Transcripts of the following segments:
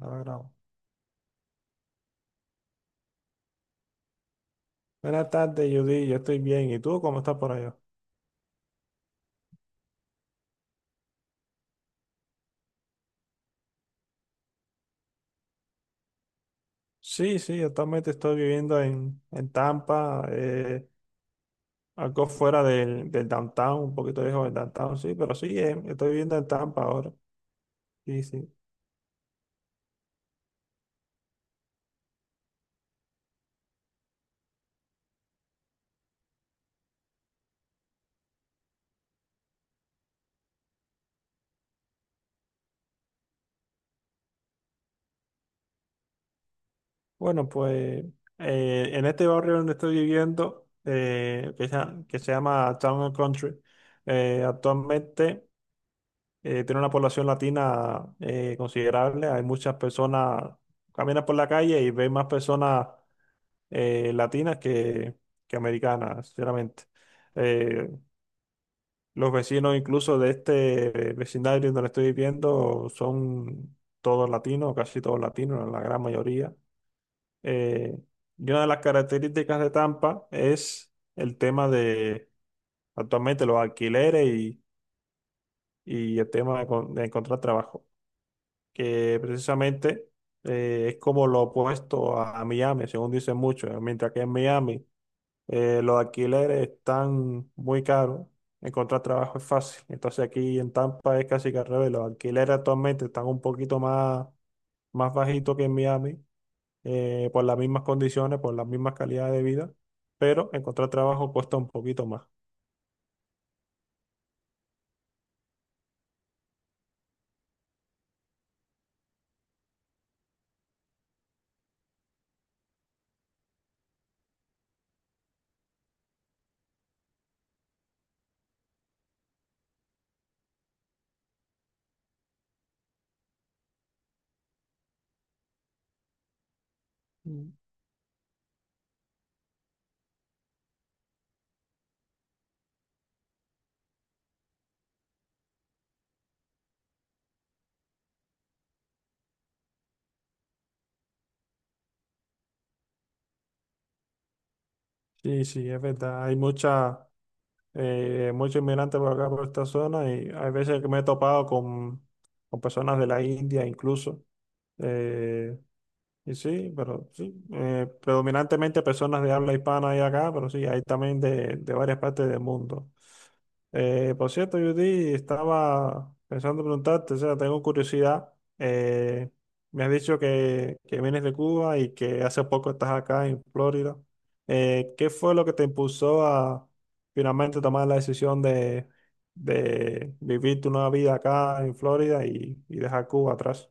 Ahora grabo. Buenas tardes, Judy. Yo estoy bien. ¿Y tú cómo estás por allá? Sí, sí, actualmente estoy viviendo en Tampa, algo fuera del downtown, un poquito lejos del downtown, sí, pero sí, estoy viviendo en Tampa ahora. Sí, sí. Bueno, pues en este barrio donde estoy viviendo, que se llama Town and Country, actualmente tiene una población latina considerable. Hay muchas personas, caminas por la calle y ves más personas latinas que americanas, sinceramente. Eh, los vecinos incluso de este vecindario donde estoy viviendo son todos latinos, casi todos latinos, la gran mayoría. Eh, y una de las características de Tampa es el tema de actualmente los alquileres y el tema de encontrar trabajo, que precisamente es como lo opuesto a Miami, según dicen muchos, mientras que en Miami los alquileres están muy caros. Encontrar trabajo es fácil. Entonces aquí en Tampa es casi que al revés. Los alquileres actualmente están un más bajitos que en Miami, por las mismas condiciones, por las mismas calidades de vida, pero encontrar trabajo cuesta un poquito más. Mm. Sí, sí, es verdad. Hay muchos inmigrantes por acá, por esta zona, y hay veces que me he topado con personas de la India incluso. eh, Y sí, pero sí, predominantemente personas de habla hispana hay acá, pero sí, hay también de varias partes del mundo. Por cierto, Judy, estaba pensando preguntarte, o sea, tengo curiosidad. eh, Me has dicho que vienes de Cuba y que hace poco estás acá en Florida. ¿Qué fue lo que te impulsó a finalmente tomar la decisión de vivir tu nueva vida acá en Florida y dejar Cuba atrás?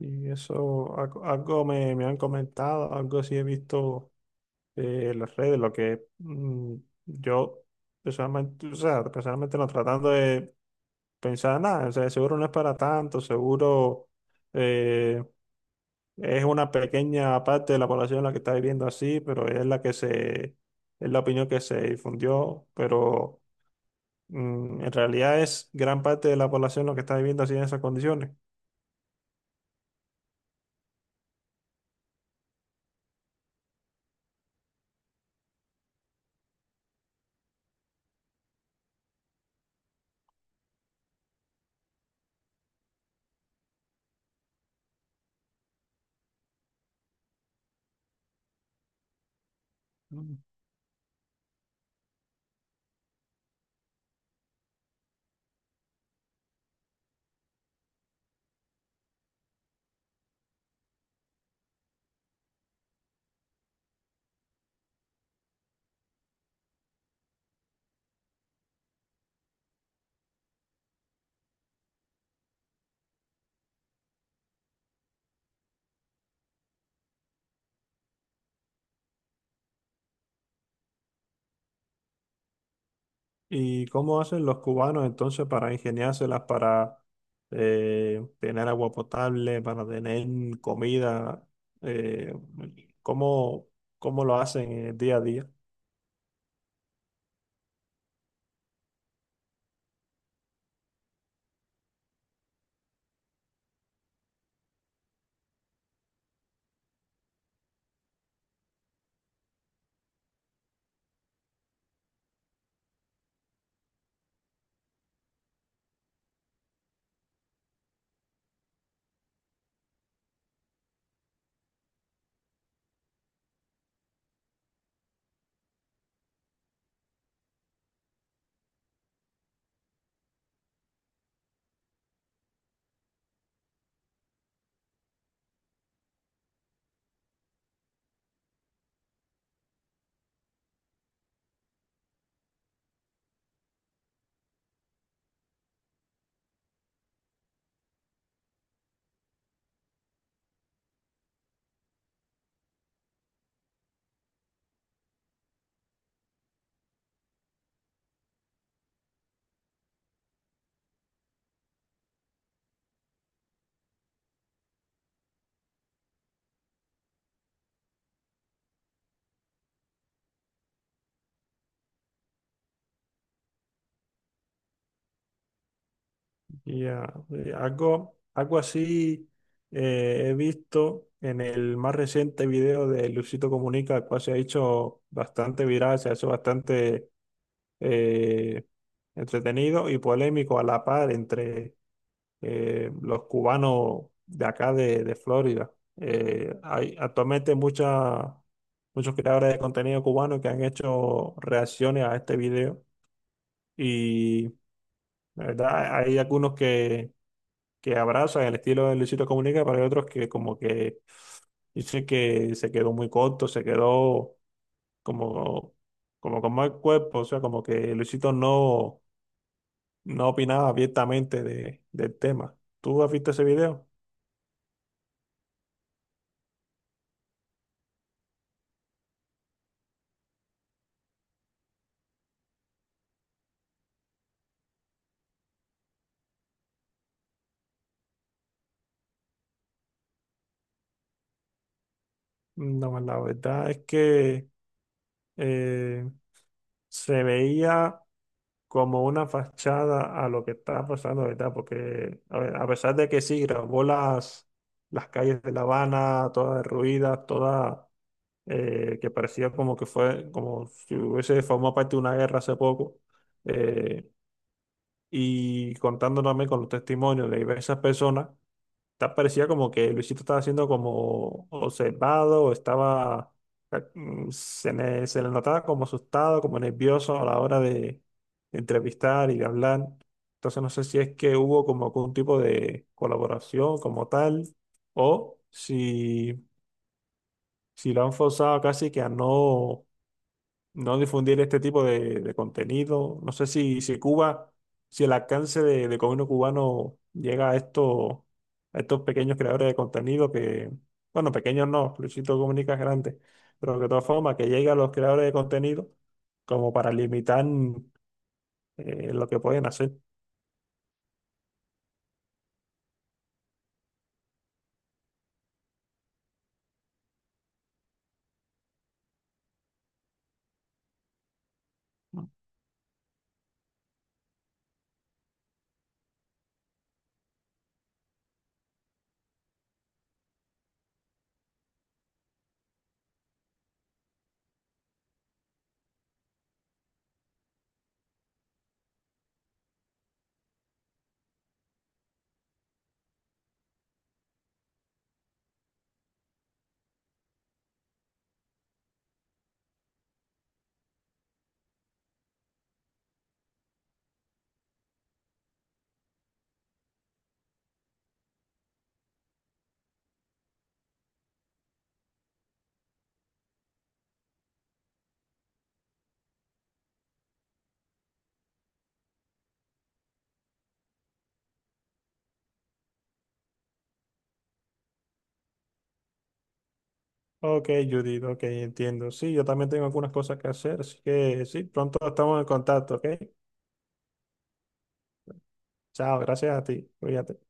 Y eso, algo me han comentado, algo sí he visto en las redes, lo que yo personalmente, o sea, personalmente no tratando de pensar nada, o sea, seguro no es para tanto, seguro eh, es una pequeña parte de la población la que está viviendo así, pero es es la opinión que se difundió, pero en realidad es gran parte de la población la que está viviendo así en esas condiciones. ¿Y cómo hacen los cubanos entonces para ingeniárselas, para tener agua potable, para tener comida? Eh, ¿cómo, cómo lo hacen en el día a día? Ya, algo, algo así he visto en el más reciente video de Luisito Comunica, el cual se ha hecho bastante viral, se ha hecho bastante eh, entretenido y polémico a la par entre los cubanos de acá de Florida. Hay actualmente muchas muchos creadores de contenido cubano que han hecho reacciones a este video y la verdad hay algunos que abrazan el estilo de Luisito Comunica, pero hay otros que como que dicen que se quedó muy corto, se quedó como, como con mal cuerpo, o sea, como que Luisito no opinaba abiertamente del tema. ¿Tú has visto ese video? No, la verdad es que eh, se veía como una fachada a lo que estaba pasando, ¿verdad? Porque a ver, a pesar de que sí, grabó las calles de La Habana, todas derruidas, todas, que parecía como que fue, como si hubiese formado parte de una guerra hace poco, eh, y contando también con los testimonios de diversas personas parecía como que Luisito estaba siendo como observado o estaba, se le notaba como asustado, como nervioso a la hora de entrevistar y de hablar. Entonces no sé si es que hubo como algún tipo de colaboración como tal o si, si lo han forzado casi que a no difundir este tipo de contenido. No sé si Cuba, si el alcance de gobierno cubano llega a estos pequeños creadores de contenido que, bueno, pequeños no, Luisito Comunica es grande, pero que de todas formas que llegue a los creadores de contenido como para limitar lo que pueden hacer. Ok, Judith, ok, entiendo. Sí, yo también tengo algunas cosas que hacer, así que sí, pronto estamos en contacto, ¿ok? Chao, gracias a ti. Cuídate.